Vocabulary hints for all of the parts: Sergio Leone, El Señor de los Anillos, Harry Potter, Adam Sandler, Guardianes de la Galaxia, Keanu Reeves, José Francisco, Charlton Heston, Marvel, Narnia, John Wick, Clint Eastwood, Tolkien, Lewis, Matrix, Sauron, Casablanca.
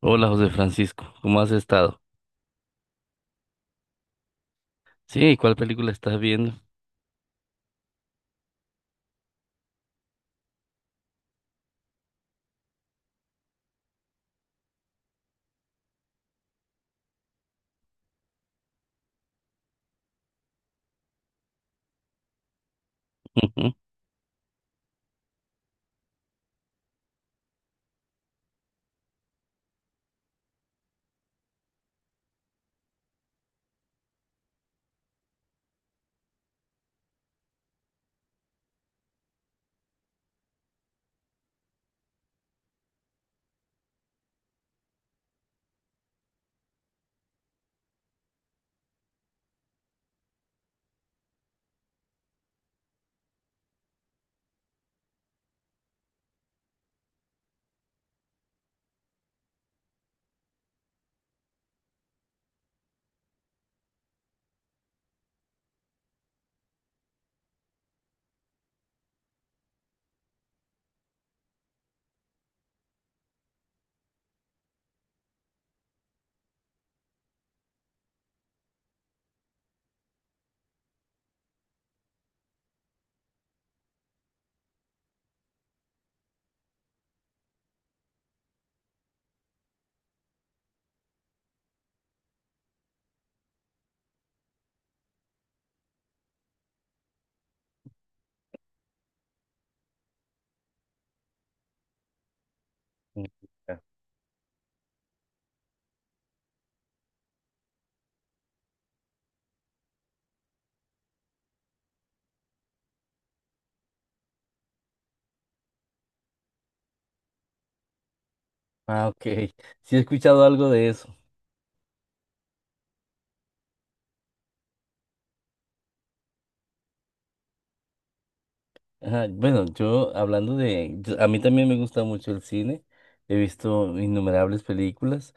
Hola José Francisco, ¿cómo has estado? Sí, ¿y cuál película estás viendo? Ujú. Ah, ok. Sí, he escuchado algo de eso. Ajá. Bueno, yo hablando de... yo- a mí también me gusta mucho el cine. He visto innumerables películas.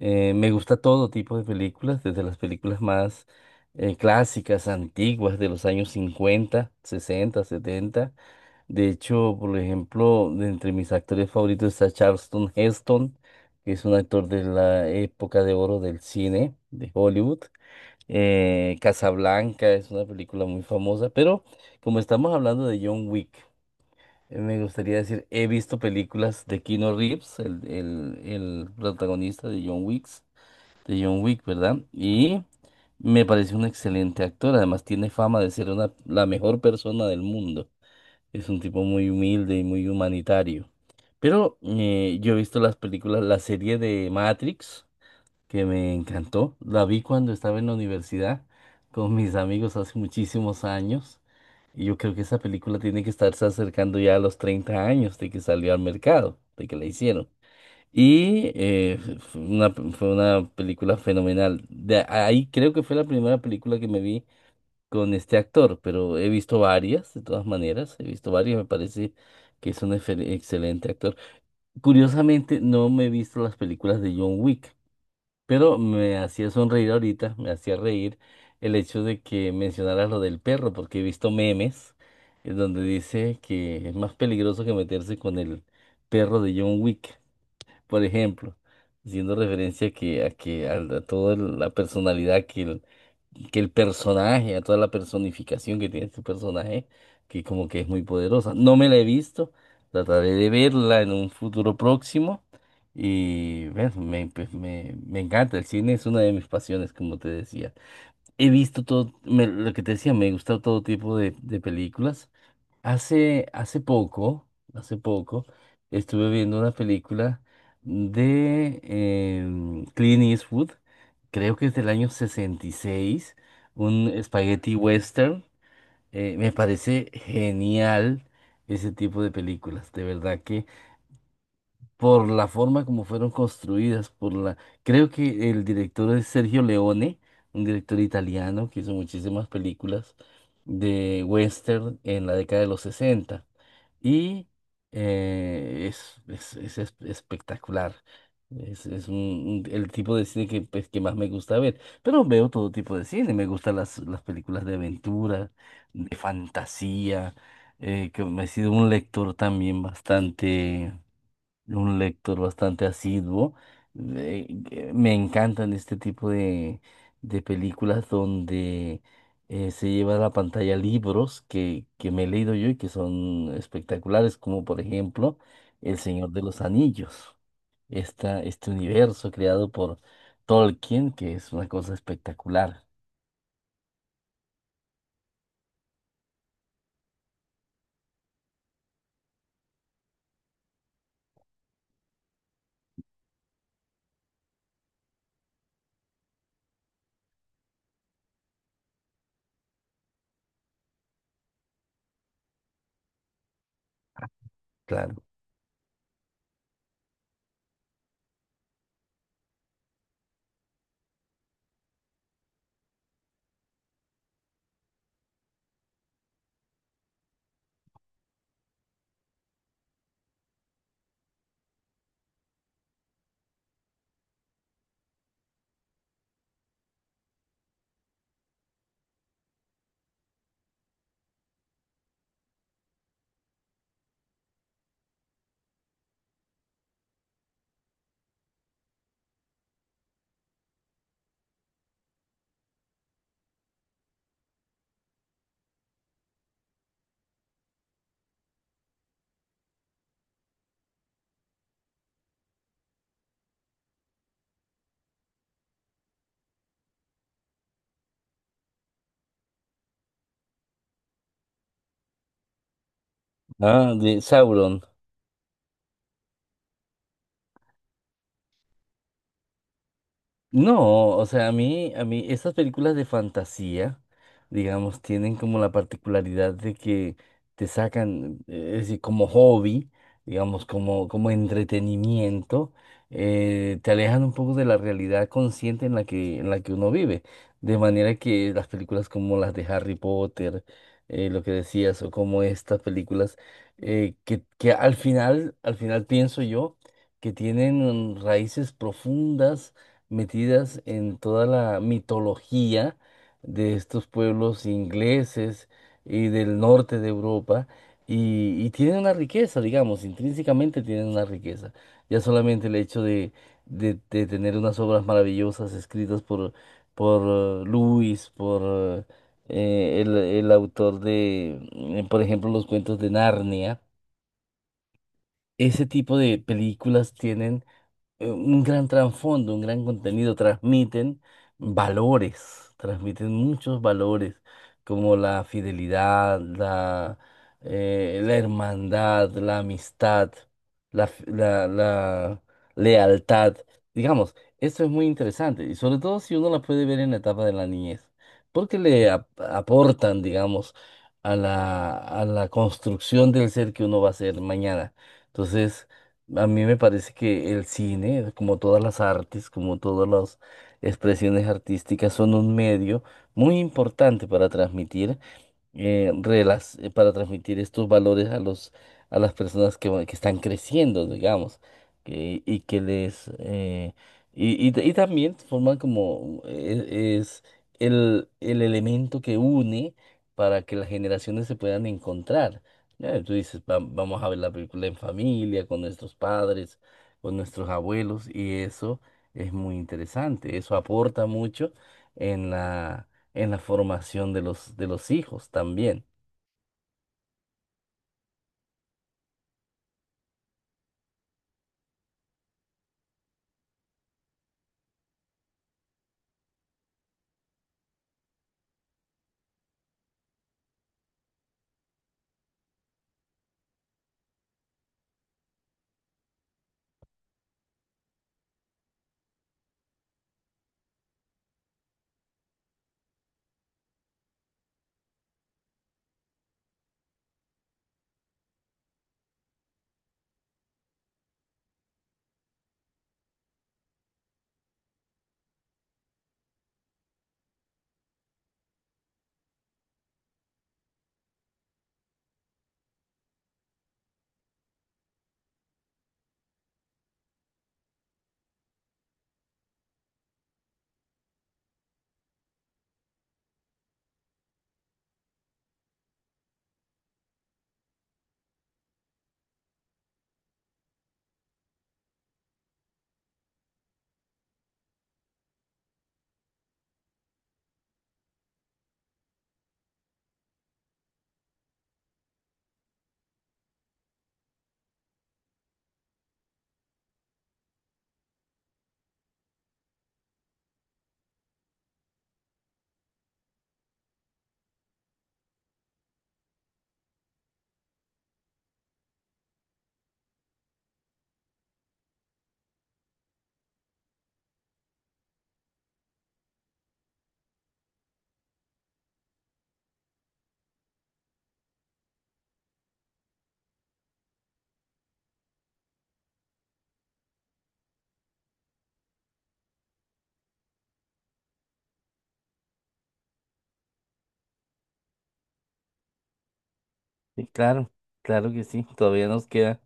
Me gusta todo tipo de películas, desde las películas más clásicas, antiguas, de los años 50, 60, 70. De hecho, por ejemplo, de entre mis actores favoritos está Charlton Heston, que es un actor de la época de oro del cine de Hollywood. Casablanca es una película muy famosa, pero como estamos hablando de John Wick, me gustaría decir, he visto películas de Keanu Reeves, el protagonista de John Wick, ¿verdad? Y me parece un excelente actor, además tiene fama de ser la mejor persona del mundo. Es un tipo muy humilde y muy humanitario. Pero yo he visto las películas, la serie de Matrix, que me encantó. La vi cuando estaba en la universidad con mis amigos hace muchísimos años. Y yo creo que esa película tiene que estarse acercando ya a los 30 años de que salió al mercado, de que la hicieron. Y fue una película fenomenal. De ahí creo que fue la primera película que me vi con este actor, pero he visto varias, de todas maneras, he visto varias, me parece que es un excelente actor. Curiosamente, no me he visto las películas de John Wick, pero me hacía sonreír ahorita, me hacía reír el hecho de que mencionaras lo del perro, porque he visto memes en donde dice que es más peligroso que meterse con el perro de John Wick, por ejemplo, haciendo referencia toda la personalidad que el personaje, a toda la personificación que tiene este personaje, que como que es muy poderosa. No me la he visto, trataré de verla en un futuro próximo. Y bueno, pues, me encanta, el cine es una de mis pasiones, como te decía. He visto todo, lo que te decía, me gusta todo tipo de películas. Hace, hace poco, hace poco, estuve viendo una película de Clint Eastwood, creo que es del año 66, un spaghetti western. Me parece genial ese tipo de películas, de verdad que por la forma como fueron construidas, Creo que el director es Sergio Leone, un director italiano que hizo muchísimas películas de western en la década de los 60. Y espectacular. Es, es un- el tipo de cine que, pues, que más me gusta ver, pero veo todo tipo de cine, me gustan las películas de aventura, de fantasía, que me he sido un lector también bastante un lector bastante asiduo. Que me encantan este tipo de películas donde se lleva a la pantalla libros que me he leído yo y que son espectaculares, como por ejemplo El Señor de los Anillos, este universo creado por Tolkien, que es una cosa espectacular. Claro. Ah, de Sauron. No, o sea, esas películas de fantasía, digamos, tienen como la particularidad de que te sacan, es decir, como hobby, digamos, como entretenimiento, te alejan un poco de la realidad consciente en la que uno vive. De manera que las películas como las de Harry Potter, lo que decías, o como estas películas, que, que al final, pienso yo, que tienen raíces profundas metidas en toda la mitología de estos pueblos ingleses y del norte de Europa, y tienen una riqueza, digamos, intrínsecamente tienen una riqueza. Ya solamente el hecho de tener unas obras maravillosas escritas por Lewis, por el autor de, por ejemplo, los cuentos de Narnia. Ese tipo de películas tienen un gran trasfondo, un gran contenido, transmiten valores, transmiten muchos valores, como la fidelidad, la hermandad, la amistad, la lealtad. Digamos, eso es muy interesante, y sobre todo si uno la puede ver en la etapa de la niñez, porque le aportan, digamos, a la construcción del ser que uno va a ser mañana. Entonces, a mí me parece que el cine, como todas las artes, como todas las expresiones artísticas, son un medio muy importante para transmitir relas para transmitir estos valores a los a las personas que están creciendo, digamos, y que les y también forman como el elemento que une para que las generaciones se puedan encontrar. Ya, tú dices, Vamos a ver la película en familia, con nuestros padres, con nuestros abuelos", y eso es muy interesante, eso aporta mucho en la formación de los hijos también. Sí, claro, claro que sí, todavía nos queda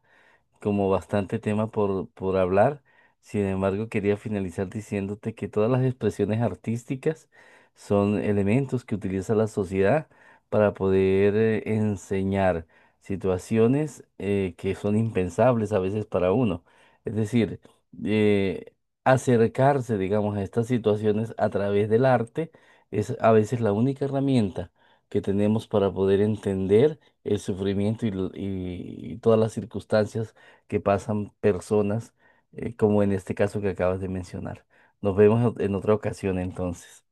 como bastante tema por hablar. Sin embargo, quería finalizar diciéndote que todas las expresiones artísticas son elementos que utiliza la sociedad para poder enseñar situaciones que son impensables a veces para uno. Es decir, eh, acercarse, digamos, a estas situaciones a través del arte es a veces la única herramienta que tenemos para poder entender el sufrimiento y todas las circunstancias que pasan personas, como en este caso que acabas de mencionar. Nos vemos en otra ocasión entonces.